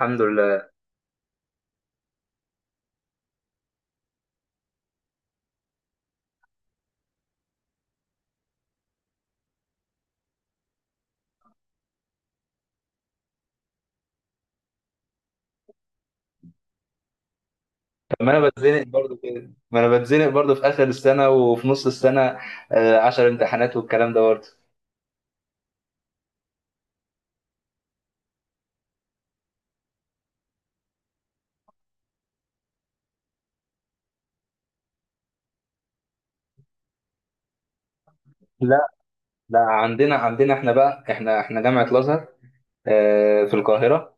الحمد لله. طب ما انا بتزنق برضو كده، ما انا بتزنق برضو في اخر السنه وفي نص السنه. عشر امتحانات والكلام ده برضو. لا لا، عندنا عندنا احنا بقى احنا احنا جامعه الازهر في القاهره.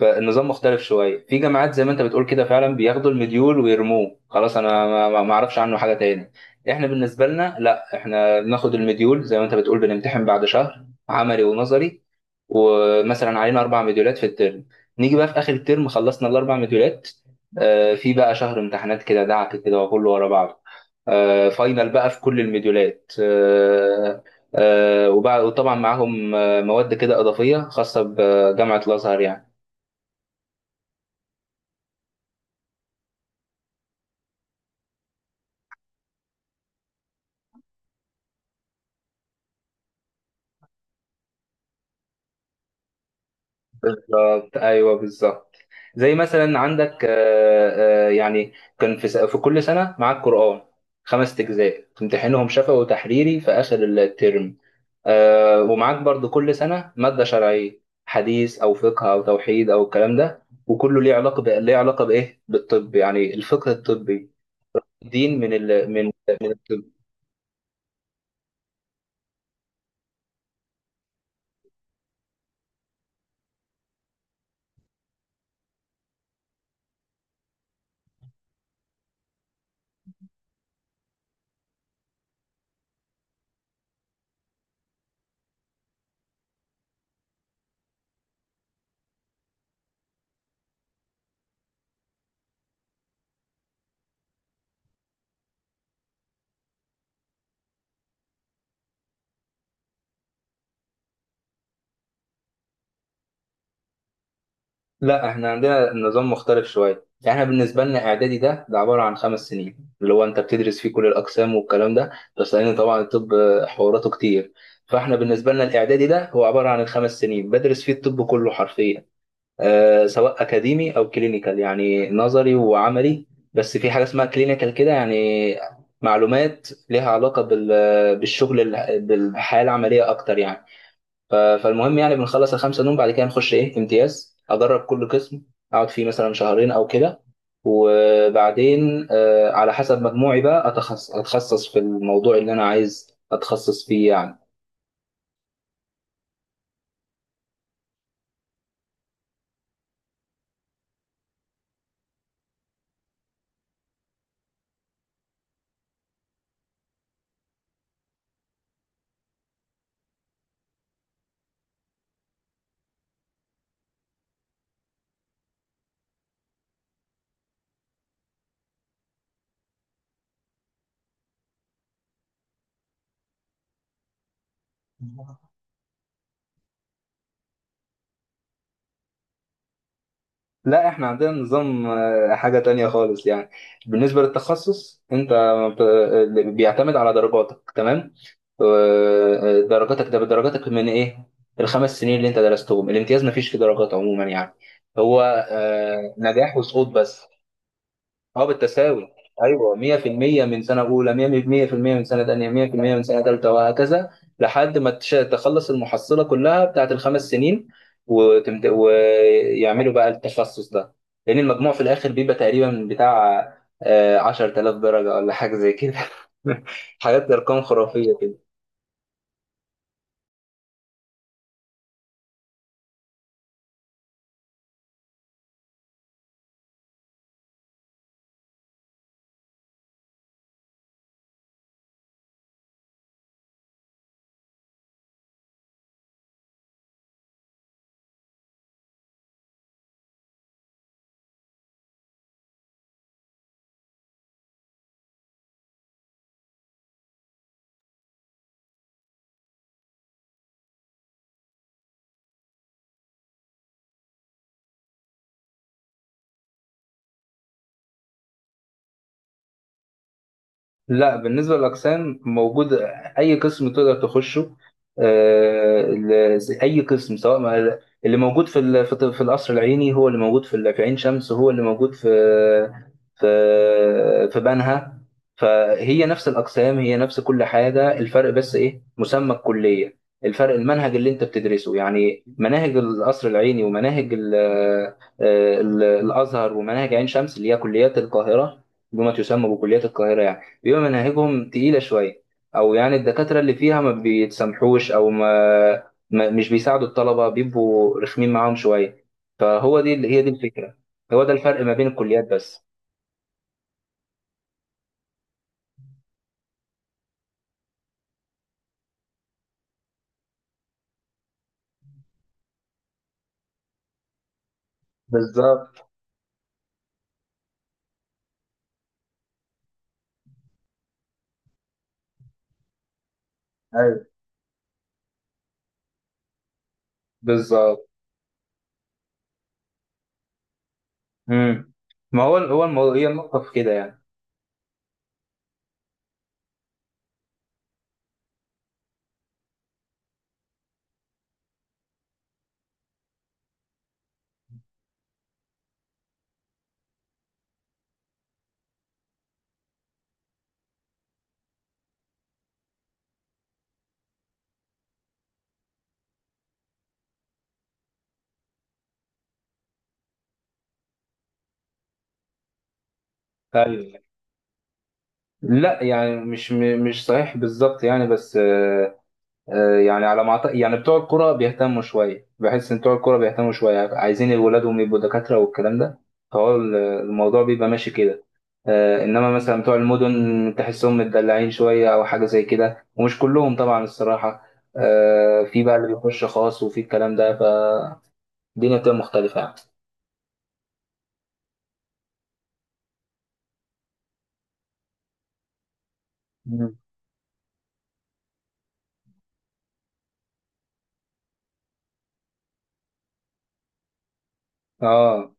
فالنظام مختلف شويه، في جامعات زي ما انت بتقول كده فعلا بياخدوا المديول ويرموه خلاص. انا ما اعرفش عنه حاجه تاني. احنا بالنسبه لنا لا، احنا بناخد المديول زي ما انت بتقول، بنمتحن بعد شهر عملي ونظري، ومثلا علينا اربع مديولات في الترم. نيجي بقى في اخر الترم خلصنا الاربع مديولات، في بقى شهر امتحانات كده دعك كده وكله ورا بعضه. فاينل بقى في كل المديولات. وبعد وطبعا معاهم مواد كده اضافيه خاصه بجامعه الازهر يعني. بالظبط، ايوه بالظبط. زي مثلا عندك يعني كان في كل سنه معاك قران، خمس اجزاء تمتحنهم شفوي وتحريري في اخر الترم. ومعاك برضو كل سنه ماده شرعيه، حديث او فقه او توحيد او الكلام ده، وكله ليه علاقه بايه؟ بالطب يعني، الفقه الطبي. دين من... لا احنا عندنا نظام مختلف شويه يعني. احنا بالنسبه لنا اعدادي ده عباره عن خمس سنين، اللي هو انت بتدرس فيه كل الاقسام والكلام ده، بس لان طبعا الطب حواراته كتير. فاحنا بالنسبه لنا الاعدادي ده هو عباره عن الخمس سنين بدرس فيه الطب كله حرفيا، آه، سواء اكاديمي او كلينيكال يعني نظري وعملي. بس في حاجه اسمها كلينيكال كده يعني، معلومات ليها بالشغل بالحياه العمليه اكتر يعني. فالمهم يعني بنخلص الخمسة دول، بعد كده نخش إيه؟ امتياز. أدرب كل قسم، أقعد فيه مثلا شهرين أو كده، وبعدين على حسب مجموعي بقى أتخصص في الموضوع اللي أنا عايز أتخصص فيه يعني. لا احنا عندنا نظام حاجة تانية خالص يعني. بالنسبة للتخصص انت اللي بيعتمد على درجاتك، تمام؟ آه، درجاتك ده بدرجاتك من ايه؟ الخمس سنين اللي انت درستهم. الامتياز مفيش فيه درجات عموما يعني، هو نجاح وسقوط بس. اه بالتساوي، ايوه. 100% من سنه اولى، 100% من سنه ثانيه، 100% من سنه ثالثه وهكذا، لحد ما تخلص المحصله كلها بتاعت الخمس سنين، ويعملوا بقى التخصص ده. لان المجموع في الاخر بيبقى تقريبا بتاع 10,000 درجه ولا حاجه زي كده. حاجات ارقام خرافيه. لا، بالنسبة للأقسام موجود، أي قسم تقدر تخشه. أي قسم، سواء ما اللي موجود في في القصر العيني هو اللي موجود في عين شمس، هو اللي موجود في في بنها. فهي نفس الأقسام، هي نفس كل حاجة. الفرق بس إيه؟ مسمى الكلية، الفرق المنهج اللي أنت بتدرسه. يعني مناهج القصر العيني، ومناهج الأزهر، ومناهج عين شمس اللي هي كليات القاهرة، بما تسمى بكليات القاهرة، بيبقى مناهجهم تقيلة شوية، أو يعني الدكاترة اللي فيها ما بيتسامحوش أو ما مش بيساعدوا الطلبة، بيبقوا رخمين معاهم شوية. فهو دي الفكرة، هو ده الفرق ما بين الكليات بس. بالظبط، أيوه بالظبط. مم. ما هو هو الموضوع، هي النقطة في كده يعني. أيوه. لا يعني مش صحيح بالظبط يعني، بس يعني على ما أعتقد يعني بتوع الكرة بيهتموا شوية. بحس إن بتوع الكرة بيهتموا شوية، عايزين ولادهم يبقوا دكاترة والكلام ده، فهو الموضوع بيبقى ماشي كده. إنما مثلا بتوع المدن تحسهم متدلعين شوية أو حاجة زي كده، ومش كلهم طبعا الصراحة. في بقى اللي بيخش خاص وفي الكلام ده، فالدنيا بتبقى مختلفة يعني. مم. آه.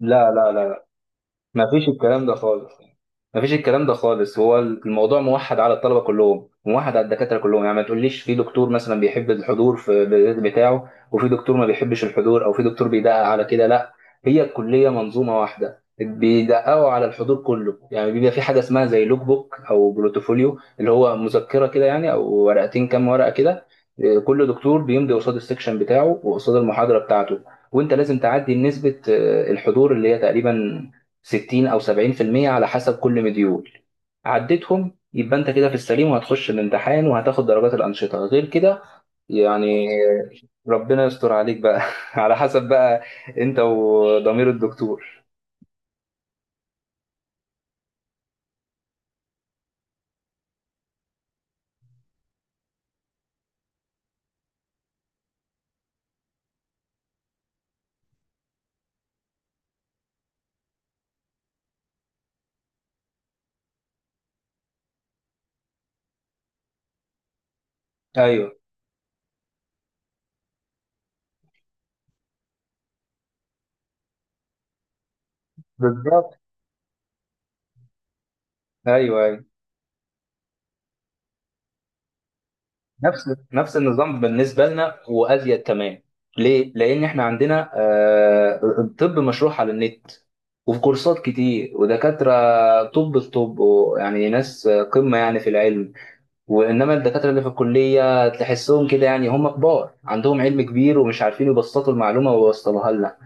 لا لا لا، ما فيش الكلام ده خالص يعني. ما فيش الكلام ده خالص، هو الموضوع موحد على الطلبه كلهم، موحد على الدكاتره كلهم. يعني ما تقوليش في دكتور مثلا بيحب الحضور بتاعه وفي دكتور ما بيحبش الحضور، او في دكتور بيدقق على كده، لا. هي الكليه منظومه واحده، بيدققوا على الحضور كله يعني. بيبقى في حاجه اسمها زي لوك بوك او بروتوفوليو، اللي هو مذكره كده يعني، او ورقتين، كام ورقه كده. إيه، كل دكتور بيمضي قصاد السكشن بتاعه وقصاد المحاضره بتاعته، وانت لازم تعدي نسبه الحضور، اللي هي تقريبا 60 او 70% على حسب كل مديول. عديتهم يبقى انت كده في السليم، وهتخش الامتحان وهتاخد درجات الانشطه. غير كده يعني ربنا يستر عليك بقى. على حسب بقى انت وضمير الدكتور. ايوه بالظبط، ايوه ايوه. نفس النظام بالنسبه لنا، وازيد كمان. ليه؟ لان احنا عندنا الطب مشروع على النت، وفي كورسات كتير ودكاتره طب في طب يعني ناس قمه يعني في العلم. وانما الدكاتره اللي في الكليه تحسهم كده يعني، هم كبار عندهم علم كبير، ومش عارفين يبسطوا المعلومه ويوصلوها لنا.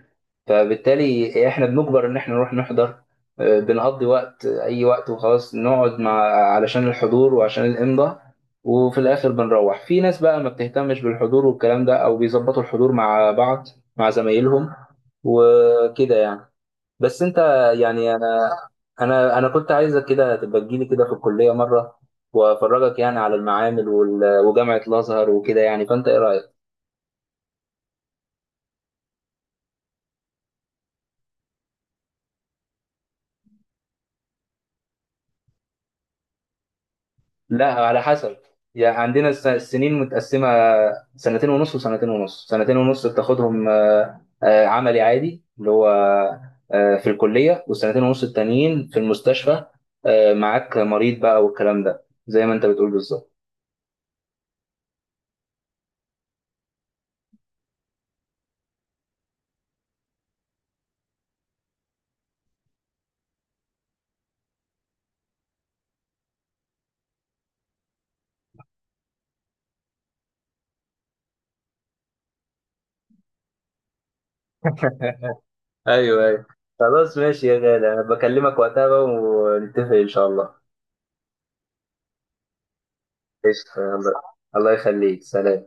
فبالتالي احنا بنجبر ان احنا نروح نحضر، بنقضي وقت اي وقت وخلاص، نقعد مع... علشان الحضور وعشان الامضاء. وفي الاخر بنروح، في ناس بقى ما بتهتمش بالحضور والكلام ده، او بيظبطوا الحضور مع بعض مع زمايلهم وكده يعني. بس انت يعني انا كنت عايزك كده تبقى تجيلي كده في الكليه مره، وافرجك يعني على المعامل وجامعه الازهر وكده يعني، فانت ايه رايك؟ لا على حسب يعني. عندنا السنين متقسمه، سنتين ونص وسنتين ونص. سنتين ونص بتاخدهم عملي عادي اللي هو في الكليه، والسنتين ونص التانيين في المستشفى، معاك مريض بقى والكلام ده زي ما انت بتقول بالظبط. ايوه ايوه. خلاص ماشي يا غالي، انا بكلمك وقتها بقى ونتفق ان شاء الله. قشطة يلا، الله يخليك، سلام.